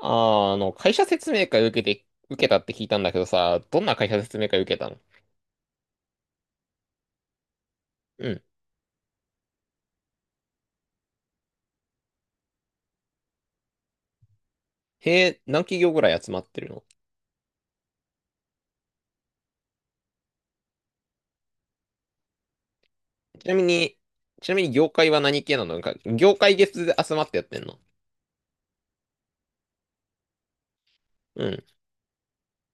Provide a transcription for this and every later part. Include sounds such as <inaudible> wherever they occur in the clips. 会社説明会受けて、受けたって聞いたんだけどさ、どんな会社説明会受けたの？うん。へえ、何企業ぐらい集まってるの？ちなみに、ちなみに、業界は何系なの？なんか、業界別で集まってやってんの？うん。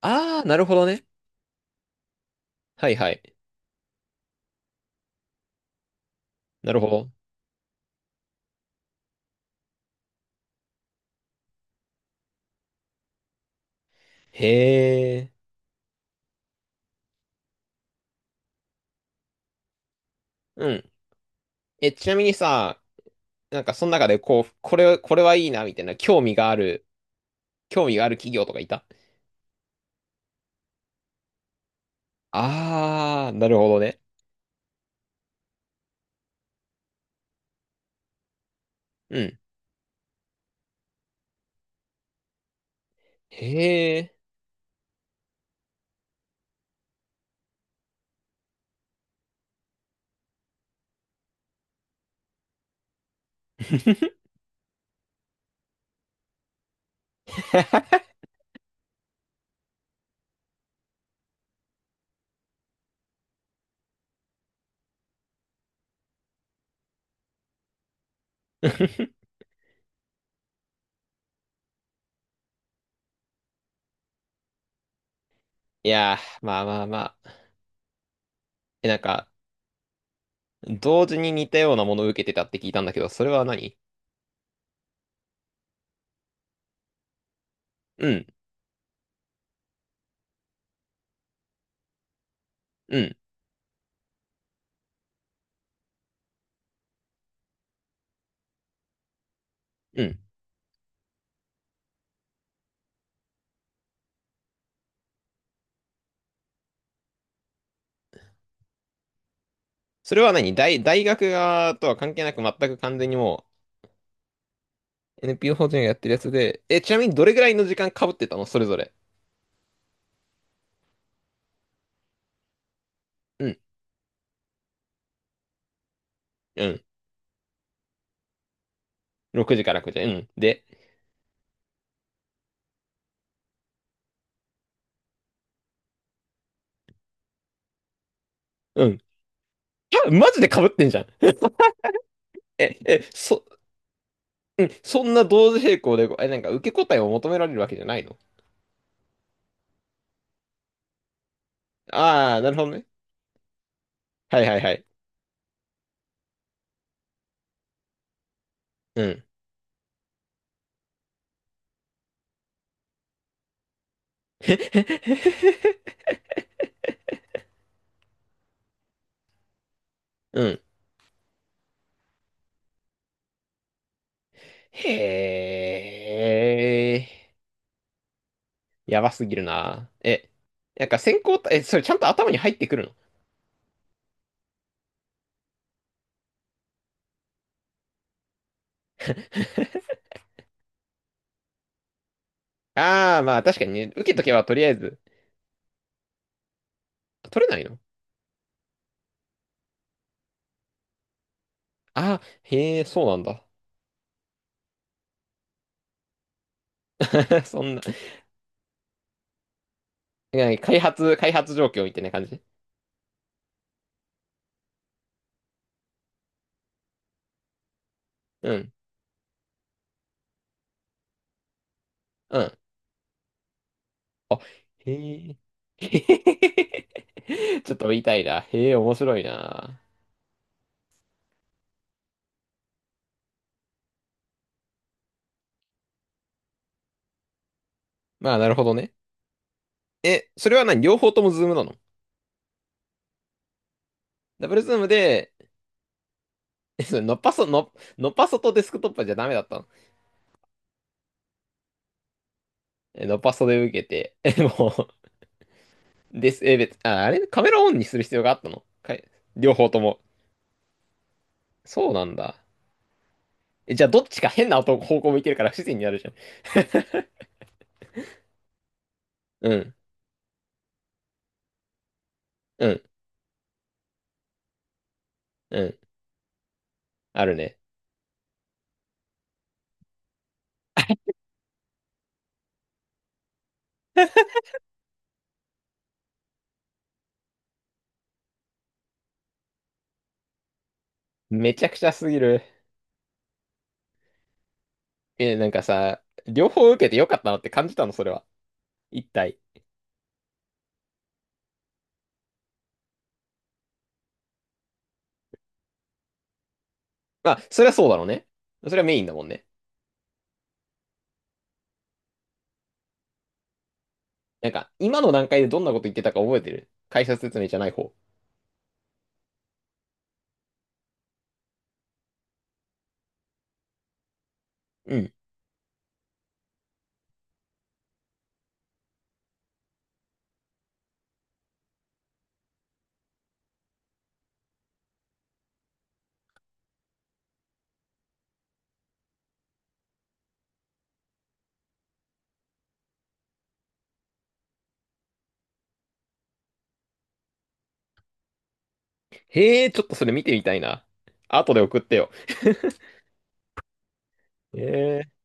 あー、なるほどね。はいはい。なるほど。へえ。うん。え、ちなみにさ、なんかその中でこう、これはいいな、みたいな、興味がある企業とかいた？あー、なるほどね。うん。へえ。<laughs> いやー、まあ。え、なんか、同時に似たようなものを受けてたって聞いたんだけど、それは何？うん、うん、うん。それは何大、大学側とは関係なく全く完全にもう NPO 法人がやってるやつで、え、ちなみにどれぐらいの時間被ってたの、それぞれ？うん、うん。6時から9時。うん。で、うん。あ、マジで被ってんじゃん。え、え、そ、うん、そんな同時並行で、え、なんか受け答えを求められるわけじゃないの？ああー、なるほどね。はいはいはい。うん。<laughs> うん。へえ、やばすぎるな。え、なんか選考た、え、それちゃんと頭に入ってくるの？ああー、まあ確かにね、受けとけばとりあえず、取れないの？ああー、へえ、そうなんだ。<laughs> そんな、なんか開発状況みたいな感じ？うん、うん。あ、へえ。<laughs> へへへへちょっと言いたいな。へえ、面白いな。まあなるほどね。え、それは何、両方ともズームなの？ダブルズームで、えそれのっぱそ、の、のっぱそとデスクトップじゃダメだったの？ノパソで受けて、<laughs> え、もう、です、え、別、あ、あれ、カメラオンにする必要があったのかい、両方とも？そうなんだ。え、じゃあどっちか変な音方向向いてるから不自然になるじゃん。うん、うん、うん。あるね。めちゃくちゃすぎる。え、なんかさ、両方受けてよかったなって感じたの、それは。一体。まあ、それはそうだろうね。それはメインだもんね。なんか、今の段階でどんなこと言ってたか覚えてる、解説説明じゃない方。うん。へえ、ちょっとそれ見てみたいな。後で送ってよ。へえ。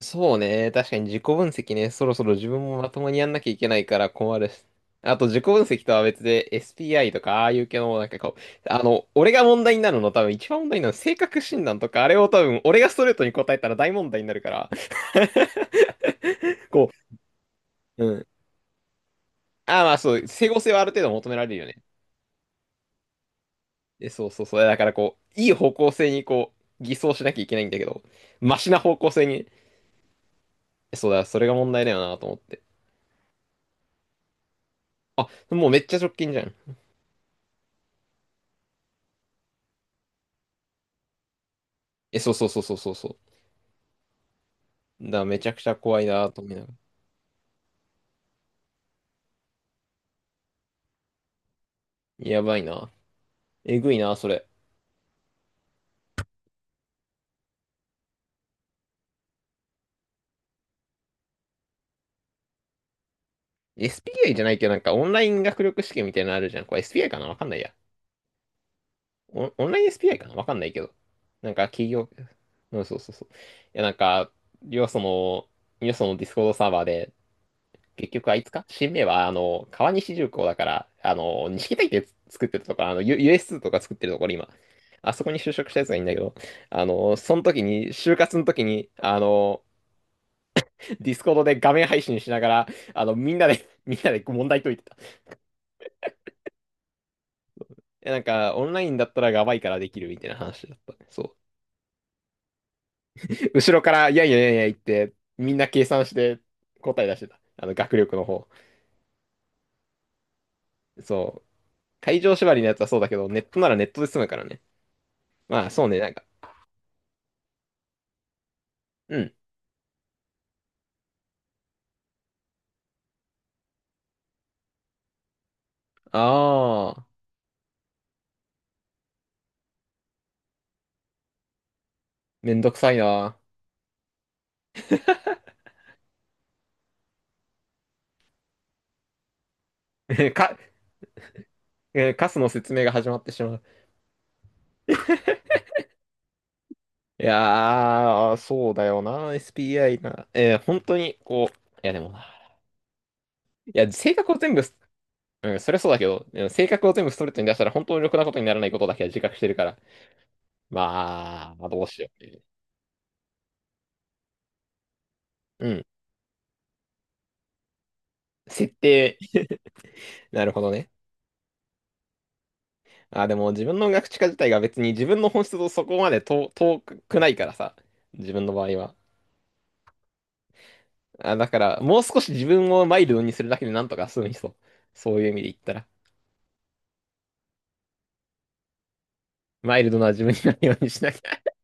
そうね。確かに自己分析ね。そろそろ自分もまともにやんなきゃいけないから困るし。あと自己分析とは別で SPI とかああいう系のなんかこう、あの、俺が問題になるの、多分一番問題になるのは性格診断とか、あれを多分俺がストレートに答えたら大問題になるから、こう、うん。ああ、まあそう、整合性はある程度求められるよね。えそうそうそう。だからこう、いい方向性にこう、偽装しなきゃいけないんだけど、マシな方向性に、えそうだ、それが問題だよなと思って。あ、もうめっちゃ直近じゃん。え、そう。だからめちゃくちゃ怖いなと思いながら。やばいな。えぐいな、それ。SPI じゃないけど、なんかオンライン学力試験みたいなのあるじゃん。これ SPI かなわかんないや。オンライン SPI かなわかんないけど。なんか企業、そう。いや、なんか、よその、よそのディスコードサーバーで、結局あいつか新名は、あの、川西重工だから、あの、錦帯って作ってるところ、あの、U- ス s 2とか作ってるところ、今。あそこに就職したやつがいいんだけど、あの、その時に、就活の時に、あの、ディスコードで画面配信しながら、あの、みんなで <laughs> みんなで問題解いてた。え、なんか、オンラインだったらやばいからできるみたいな話だったね。そう。後ろから、いやいやいやいや言って、みんな計算して答え出してた。あの、学力の方。そう。会場縛りのやつはそうだけど、ネットならネットで済むからね。まあ、そうね、なんか。うん。ああ、めんどくさいな。<laughs> か、えー、カスの説明が始まってしまう。いやー、そうだよな、SPI な。えー本当に、こう、いやでもな、いや、性格を全部、うん、それはそうだけど、うん、性格を全部ストレートに出したら本当にろくなことにならないことだけは自覚してるから。まあ、まあどうしようっていう。うん。設定。<laughs> なるほどね。あ、でも自分の学知化自体が別に自分の本質とそこまで遠くないからさ。自分の場合は。あ、だから、もう少し自分をマイルドにするだけでなんとか済むにそう。そういう意味で言ったら。マイルドな自分になるようにしなきゃ。<laughs>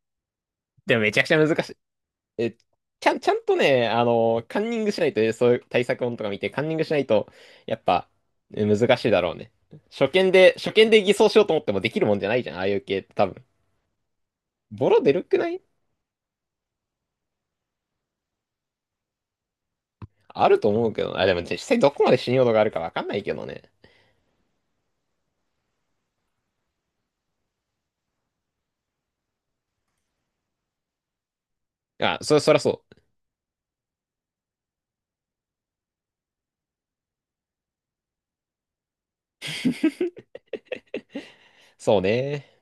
でもめちゃくちゃ難しい。え、ちゃんとね、あの、カンニングしないとね、えそういう対策本とか見て、カンニングしないと、やっぱ、え難しいだろうね。初見で偽装しようと思ってもできるもんじゃないじゃん、ああいう系って多分。ボロ出るくない？あると思うけど、あ、でも実際どこまで信用度があるかわかんないけどね。あ、そ、そりゃそう。そうね。